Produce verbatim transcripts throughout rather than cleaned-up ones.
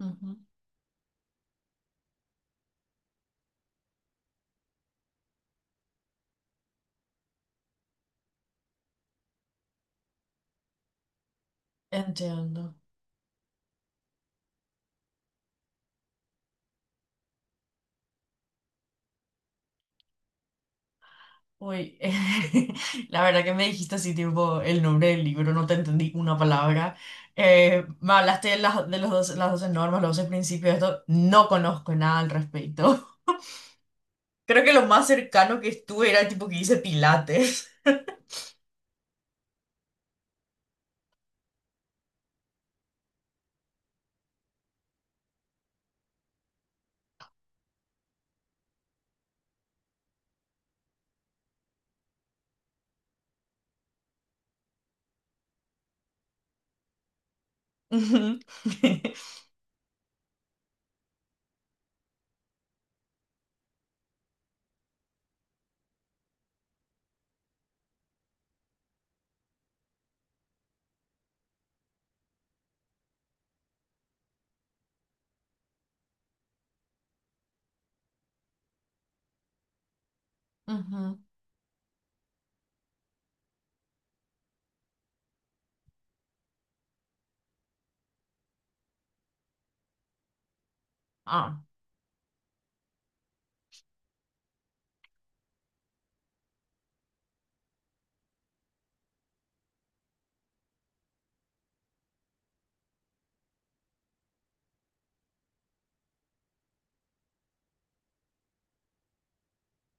Ujú. Entiendo. Uy, la verdad, que me dijiste así, tipo, el nombre del libro, no te entendí una palabra. Eh, me hablaste de, las, de los doce las doce normas, los doce principios, esto, no conozco nada al respecto. Creo que lo más cercano que estuve era el tipo que hice pilates. Ujú. Ujú. Ah,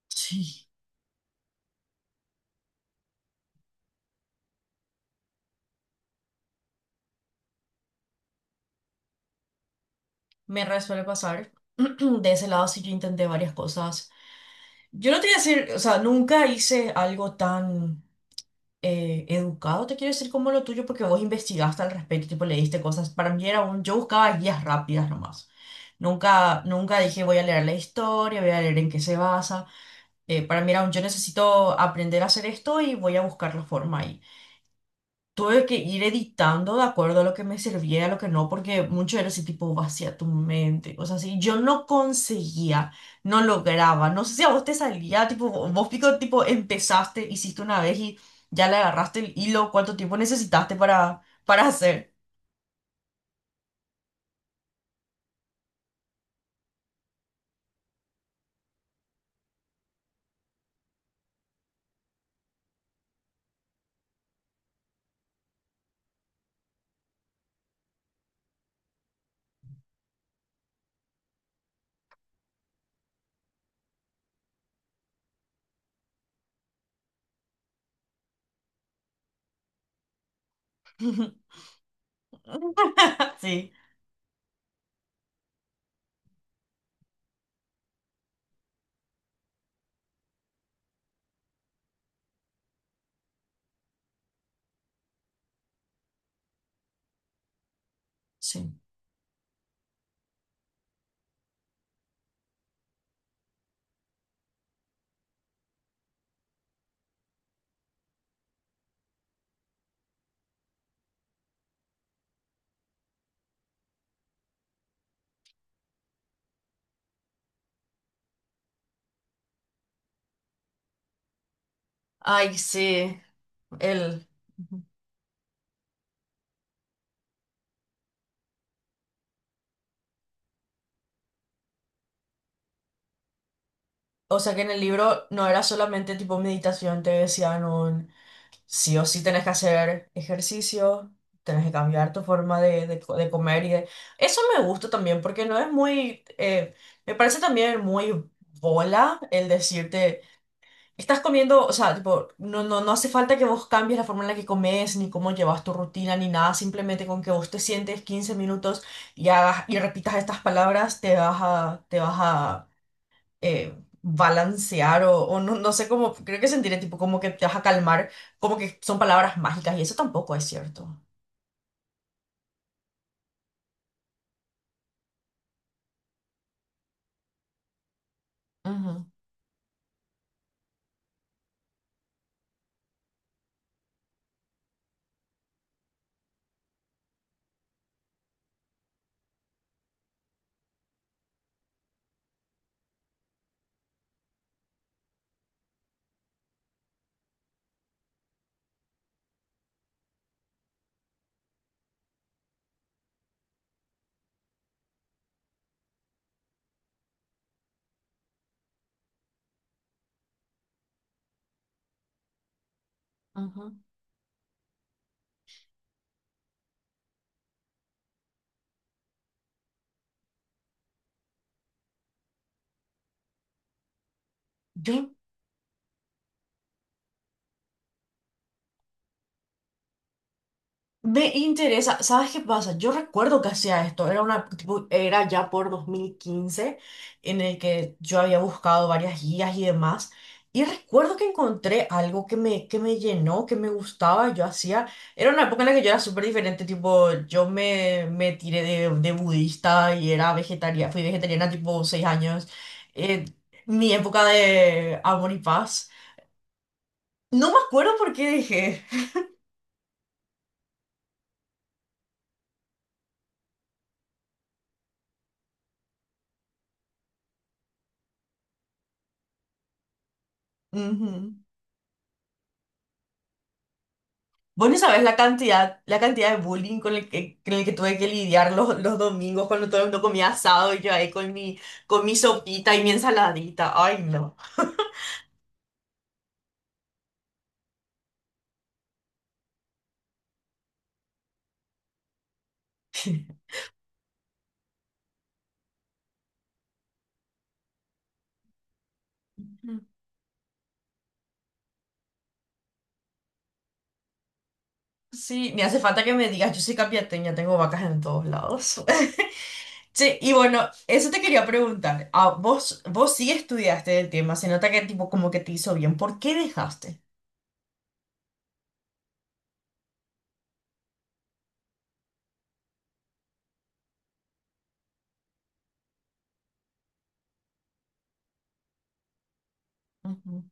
sí, me re suele pasar. De ese lado sí, yo intenté varias cosas. Yo no te voy a decir, o sea, nunca hice algo tan eh, educado, te quiero decir, como lo tuyo, porque vos investigaste al respecto, tipo, leíste cosas. Para mí era un, yo buscaba guías rápidas nomás. Nunca, nunca dije voy a leer la historia, voy a leer en qué se basa. Eh, para mí era un, yo necesito aprender a hacer esto y voy a buscar la forma. Tuve que ir editando de acuerdo a lo que me servía y a lo que no, porque mucho era ese tipo vacía tu mente, cosas así. Yo no conseguía, no lograba, no sé si a vos te salía, tipo, vos pico, tipo, empezaste, hiciste una vez y ya le agarraste el hilo. ¿Cuánto tiempo necesitaste para, para hacer? Sí, sí. Ay, sí, el... O sea que en el libro no era solamente tipo meditación, te decían sí o sí tenés que hacer ejercicio, tenés que cambiar tu forma de, de co- de comer y de... Eso me gusta también porque no es muy... eh, me parece también muy bola el decirte, estás comiendo, o sea, tipo, no, no, no hace falta que vos cambies la forma en la que comes, ni cómo llevas tu rutina, ni nada, simplemente con que vos te sientes quince minutos y hagas y repitas estas palabras, te vas a, te vas a eh, balancear o, o no, no sé cómo, creo que sentiré tipo como que te vas a calmar, como que son palabras mágicas y eso tampoco es cierto. Ujú, ujú. Yo me interesa. ¿Sabes qué pasa? Yo recuerdo que hacía esto, era una, tipo, era ya por dos mil quince en el que yo había buscado varias guías y demás, y recuerdo que encontré algo que me, que me llenó, que me gustaba, yo hacía, era una época en la que yo era súper diferente, tipo, yo me, me tiré de, de budista y era vegetariana, fui vegetariana tipo seis años, eh, mi época de amor y paz, no me acuerdo por qué dejé. Vos no sabés la cantidad, la cantidad de bullying con el que, con el que tuve que lidiar los, los domingos, cuando todo el mundo comía asado y yo ahí con mi, con mi sopita y mi ensaladita. Ay, no. Ujú. Sí, me hace falta que me digas, yo soy capiateña, tengo vacas en todos lados. Sí, y bueno, eso te quería preguntar. Ah, vos, vos sí estudiaste el tema, se nota que tipo como que te hizo bien. ¿Por qué dejaste? Ujú,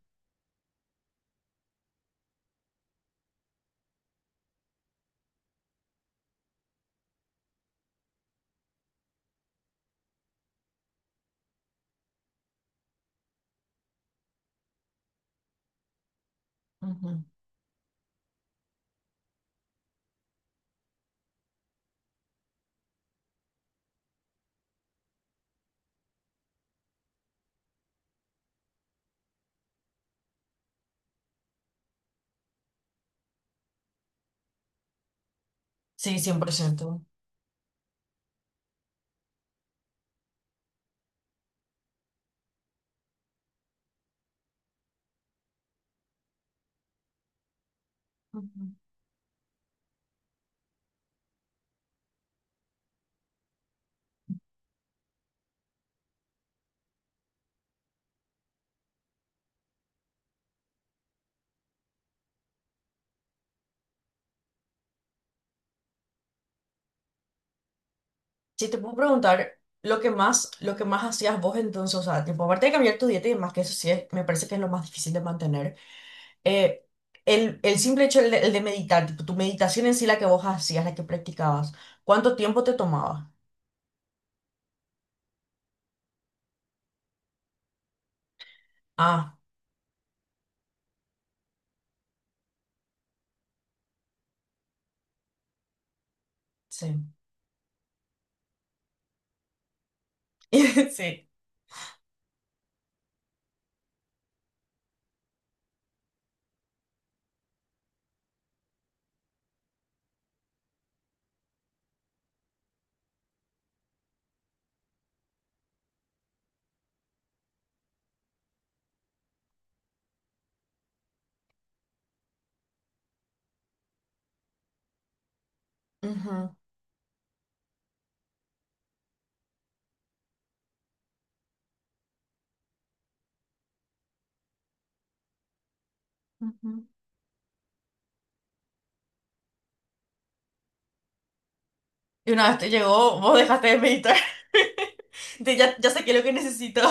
ujú. Sí, cien por ciento. Si te puedo preguntar lo que más, lo que más hacías vos entonces, o sea, tipo, aparte de cambiar tu dieta y demás, que eso sí es- me parece que es lo más difícil de mantener, eh, el, el simple hecho el de, el de meditar, tipo, tu meditación en sí, la que vos hacías, la que practicabas, ¿cuánto tiempo te tomaba? Ah, sí. Sí. Ujú. Ujú. Y una vez te llegó, vos dejaste de meditar. De, ya, ya saqué lo que necesito.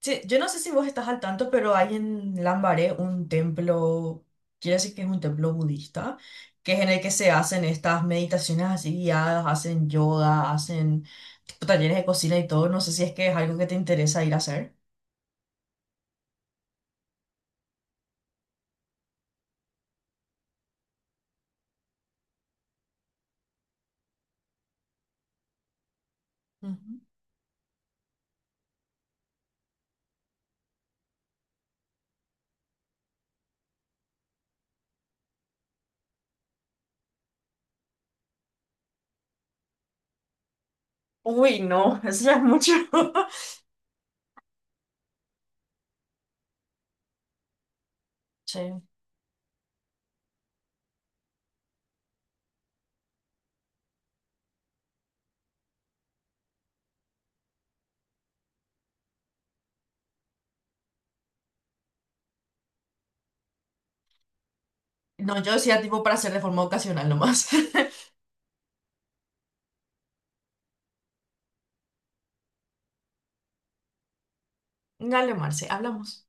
Sí, yo no sé si vos estás al tanto, pero hay en Lambaré un templo, quiero decir que es un templo budista, que es en el que se hacen estas meditaciones así guiadas, hacen yoga, hacen tipo talleres de cocina y todo. No sé si es que es algo que te interesa ir a hacer. Ujú. Uy, no, eso ya es mucho. Sí. No, yo decía tipo para hacer de forma ocasional nomás. Dale, Marce, hablamos.